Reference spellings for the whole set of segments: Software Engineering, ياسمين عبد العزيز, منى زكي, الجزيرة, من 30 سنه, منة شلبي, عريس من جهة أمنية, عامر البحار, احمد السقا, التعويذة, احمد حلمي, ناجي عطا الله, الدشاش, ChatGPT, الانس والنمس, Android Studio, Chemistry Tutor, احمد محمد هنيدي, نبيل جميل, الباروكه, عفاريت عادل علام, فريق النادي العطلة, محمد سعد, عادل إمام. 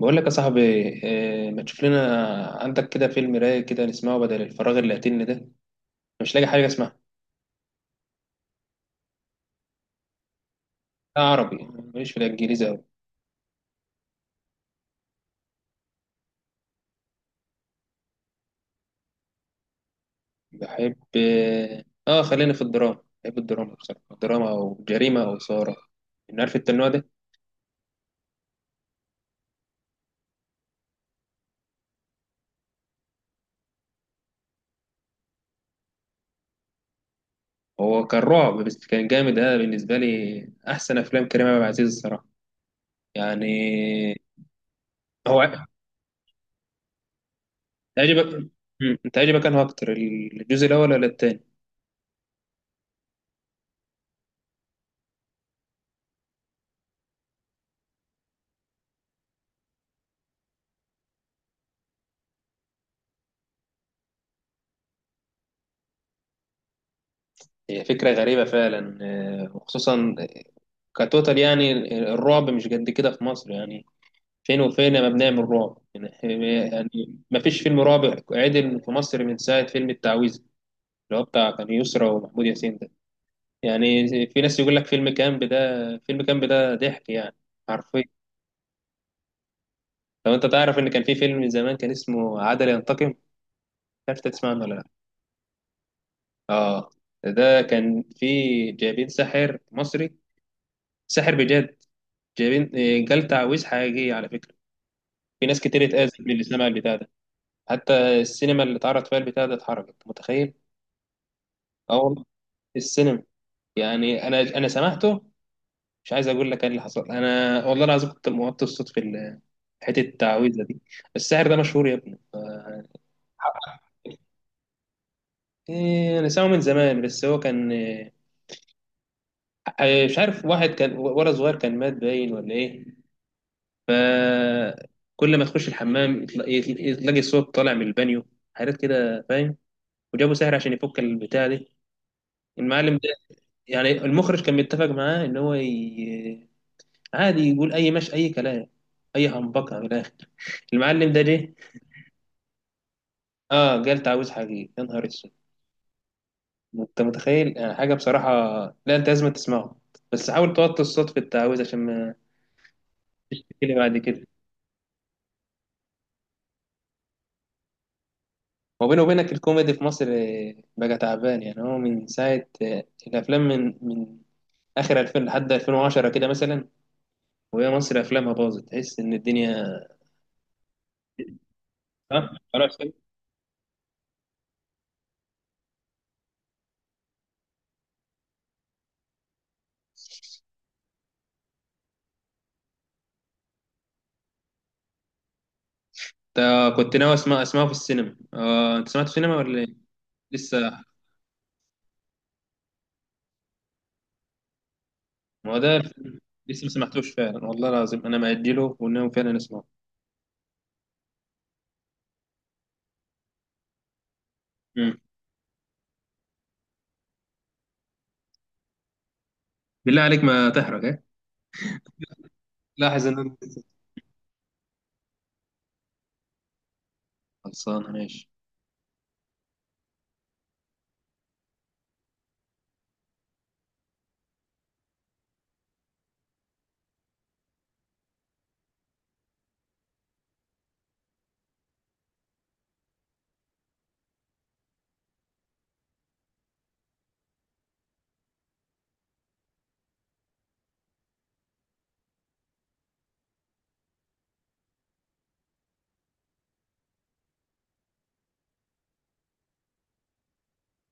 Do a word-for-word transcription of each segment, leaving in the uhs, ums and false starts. بقول لك يا صاحبي، إيه ما تشوف لنا عندك كده فيلم رايق كده نسمعه بدل الفراغ اللي قاتلني ده. أنا مش لاقي حاجه اسمعها. لا عربي، ماليش في الانجليزي قوي. بحب اه آه، خلينا في الدراما، بحب الدراما بصراحه، الدراما او جريمه او اثاره. إن عارف انت النوع ده؟ هو كان رعب بس كان جامد ده بالنسبه لي، احسن افلام كريم عبد العزيز الصراحه يعني. هو عجبك؟ انت عجبك انه اكتر الجزء الاول ولا التاني؟ هي فكرة غريبة فعلا، آه، وخصوصا كتوتال يعني، الرعب مش قد كده في مصر يعني، فين وفين ما بنعمل رعب يعني. يعني ما فيش فيلم رعب عدل في مصر من ساعة فيلم التعويذة، اللي هو بتاع كان يسرا ومحمود ياسين ده. يعني في ناس يقول لك فيلم كامب ده، فيلم كامب ده ضحك يعني، حرفيا. لو انت تعرف ان كان في فيلم من زمان كان اسمه عدل ينتقم، مش عارف إنت تسمع عنه ولا لا. اه ده كان في، جايبين ساحر مصري، ساحر بجد، جايبين إيه، جال تعويذ حقيقي على فكرة. في ناس كتير اتأذت من اللي سمع البتاع ده، حتى السينما اللي اتعرض فيها البتاع ده اتحرقت، متخيل؟ اه والله، في السينما. يعني انا انا سمعته، مش عايز اقول لك ايه اللي حصل، انا والله العظيم كنت موطي الصوت في ال- حتة التعويذة دي. السحر ده مشهور يا ابني، آه، إيه، أنا سامعه من زمان بس هو كان إيه، إيه، مش عارف، واحد كان ولد صغير كان مات باين ولا إيه، فكل ما تخش الحمام يتلا- يتلا- تلاقي صوت طالع من البانيو، حاجات كده فاهم. وجابه سهر عشان يفك البتاع دي، المعلم ده. يعني المخرج كان متفق معاه ان هو ي... عادي يقول اي، مش اي كلام، اي همبكه من الاخر، المعلم ده جه. اه قال تعويذ حقيقي، يا نهار اسود، انت متخيل يعني حاجه بصراحه. لا انت لازم تسمعه، بس حاول توطي الصوت في التعويذ عشان ما تشتكي لي بعد كده. وبيني وبينك، الكوميدي في مصر آه، بقى تعبان يعني، هو من ساعه آه، الافلام من من اخر ألفين لحد ألفين وعشرة كده مثلا، وهي مصر افلامها باظت تحس ان الدنيا. ها، خلاص انت. كنت ناوي اسمع اسمعه في السينما، آه، انت سمعته في السينما ولا ايه؟ لسه ما، هو ده الفيلم. لسه ما سمعتوش فعلا، والله العظيم انا مأجله وناوي فعلا اسمعه. مم. بالله عليك ما تحرق ايه، لاحظ ان انا لسه. خلصان، ماشي.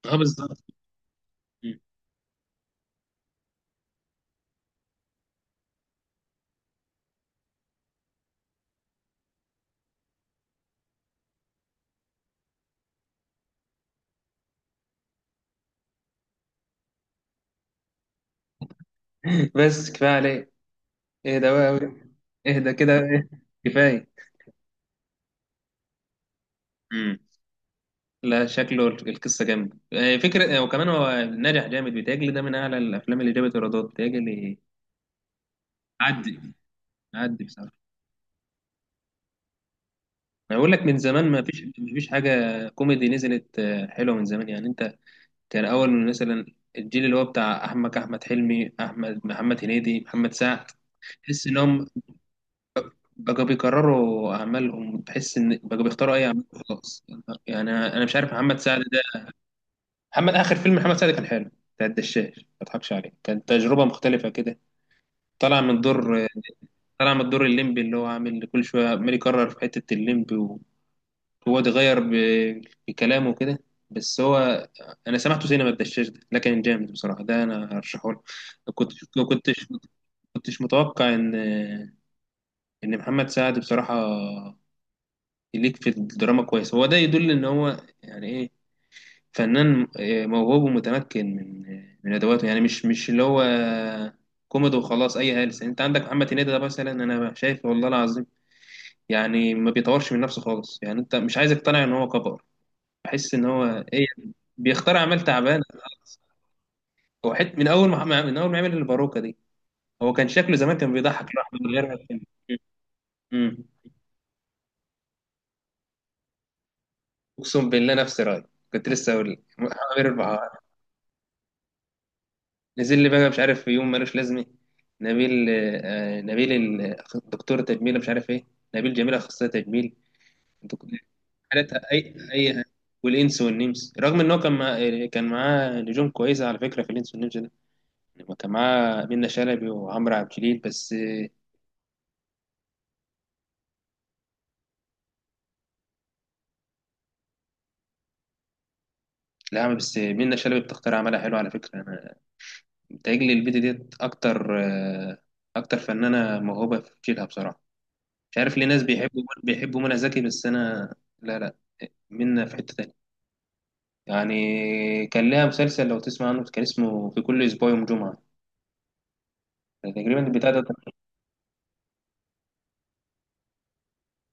اه بالظبط. مم. بس كفايه عليك، اهدى بقى أوي. اهدى كده بقى، إيه. كفايه. مم. لا شكله القصه جامده، آه، فكره، آه، وكمان هو ناجح جامد بيتهيألي، ده من اعلى الافلام اللي جابت ايرادات بيتهيألي. عدي، عدي بصراحه. انا بقول لك من زمان ما فيش ما فيش حاجه كوميدي نزلت، آه، حلوه من زمان يعني انت. كان اول من مثلا الجيل اللي هو بتاع احمد احمد حلمي، احمد، محمد هنيدي، محمد سعد، تحس انهم بقوا بيكرروا اعمالهم، تحس ان بقوا بيختاروا اي اعمال، خلاص. يعني انا أنا مش عارف محمد سعد ده. محمد، اخر فيلم محمد سعد كان حلو، بتاع الدشاش، ما اضحكش عليك كانت تجربه مختلفه كده، طلع من دور، طلع من دور الليمبي اللي هو عامل كل شويه عمال يكرر في حته الليمبي، هو اتغير ب- بكلامه كده. بس هو، انا سمعته سينما الدشاش ده، ده كان جامد بصراحه، ده انا هرشحه لك. كنت كنتش كنتش متوقع ان، ان محمد سعد بصراحه يليك في الدراما كويس، هو ده يدل ان هو يعني ايه، فنان، آه، موهوب ومتمكن من من ادواته، يعني مش مش اللي هو كوميدي وخلاص، اي هلس. انت عندك محمد هنيدي ده مثلا، انا شايف والله العظيم يعني ما بيطورش من نفسه خالص، يعني انت مش عايز اقتنع ان هو كبر، بحس ان هو، ايه، بيختار اعمال تعبانه خالص. هو حت، من اول ما ما- من اول ما عمل الباروكه دي، هو كان شكله زمان كان بيضحك لوحده من غير ما يتكلم. امم اقسم بالله نفس رايي، كنت لسه اقول لك عامر البحار. نزل لي بقى مش عارف في يوم ملوش لازمه، نبيل، آه، نبيل ال- دكتور تجميل مش عارف ايه، نبيل جميل اخصائي تجميل، دك- حالتها اي اي. والانس والنمس، رغم ان هو كان مع... كان معاه نجوم كويسه على فكره في الانس والنمس ده، يعني كان معاه منة شلبي وعمرو عبد الجليل بس. لا يا عم، بس منة شلبي بتختار اعمالها حلو على فكره، انا بتهيألي البيضه ديت اكتر، آه، اكتر فنانه موهوبه في جيلها بصراحه. مش عارف ليه ناس بيحبوا بيحبوا منى زكي، بس انا لا لا، منة في حته تانية، يعني كان لها مسلسل لو تسمع عنه كان اسمه في كل اسبوع يوم جمعه تقريبا، البتاع ده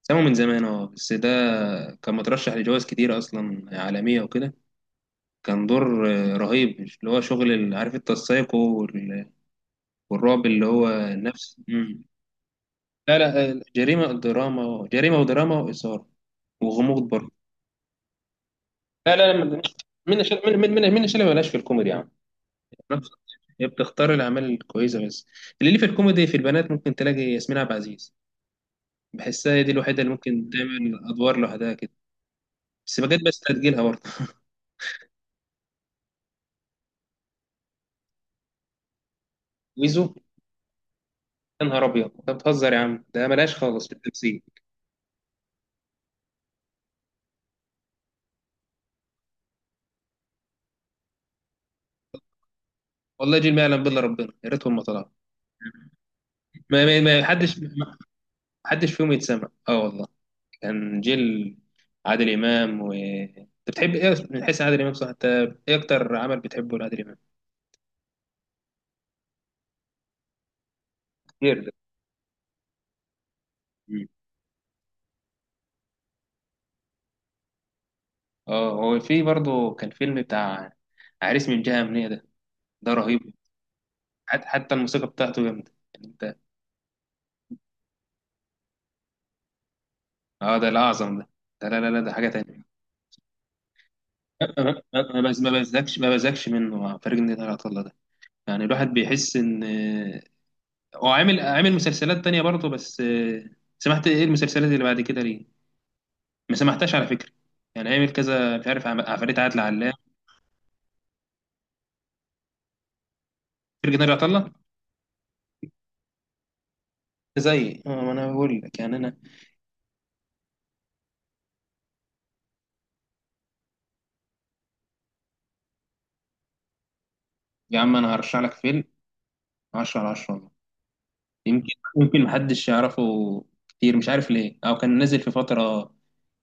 سمعه من زمان اه، بس ده كان مترشح لجوائز كتير اصلا عالميه وكده، كان دور، آه، رهيب اللي هو شغل ال- عارف التسايق وال- والرعب اللي هو النفس. لا لا، جريمة دراما، جريمة ودراما وإثارة وغموض برضه. لا لا لا، من من من من من اللي مالهاش في الكوميدي يا عم، هي بتختار الأعمال الكويسة بس. اللي ليه في الكوميدي في البنات ممكن تلاقي ياسمين عبد العزيز، بحسها هي دي الوحيدة اللي ممكن تعمل أدوار لوحدها كده، بس بجد بس تجيلها برضه. ويزو؟ يا نهار أبيض، أنت بتهزر يا عم، ده مالهاش خالص في التمثيل. والله جيل ما يعلم بالله، ربنا يا ريتهم ما طلعوا، ما ما ما حدش ما حدش فيهم يتسمع، اه والله. كان جيل عادل إمام. و أنت بتحب إيه من حيث عادل إمام؟ صح أنت، إيه أكتر عمل بتحبه لعادل إمام؟ كتير ده. مم. اه هو في برضه كان فيلم بتاع عريس من جهة أمنية ده، ده رهيب، حت- حتى الموسيقى بتاعته جامدة يعني أنت. اه ده الأعظم ده، ده لا لا لا ده حاجة تانية. ما ما- ما بز- ما بزكش ما بزكش منه، مع فريق النادي العطلة ده، يعني الواحد بيحس إن، آه، هو عامل عامل مسلسلات تانية برضه بس، آه، سمعت إيه المسلسلات اللي بعد كده ليه؟ ما سمحتهاش على فكره، يعني عامل كذا مش عارف، عم- عفاريت عادل علام، فرقة ناجي عطا الله. زي آه، ما انا بقول لك، يعني انا، يا عم انا هرشح لك فيلم عشرة على عشرة والله. يمكن، يمكن محدش يعرفه كتير مش عارف ليه، او كان نازل في فتره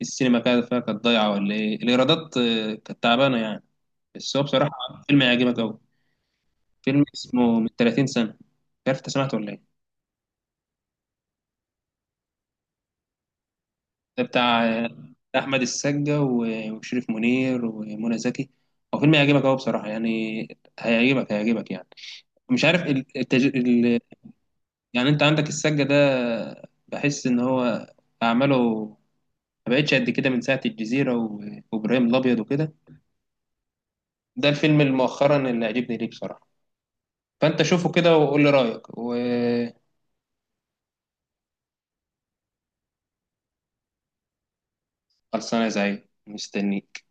السينما كانت فيها كانت ضايعه ولا ايه، الايرادات آه، كانت تعبانه يعني، بس هو بصراحه فيلم هيعجبك قوي. فيلم اسمه من ثلاثين سنه، مش عارف انت سمعته ولا ايه. ده بتاع، بتاع احمد السقا و- وشريف منير ومنى زكي. هو فيلم هيعجبك قوي بصراحه يعني، هيعجبك هيعجبك يعني. مش عارف ال- التج... ال... يعني انت عندك السقا ده، بحس ان هو اعماله ما بقتش قد كده من ساعه الجزيره و... وابراهيم الابيض وكده. ده الفيلم اللي مؤخرا اللي عجبني ليه بصراحه، فانت شوفه كده وقول لي رايك وخلصانه. يا زعيم مستنيك.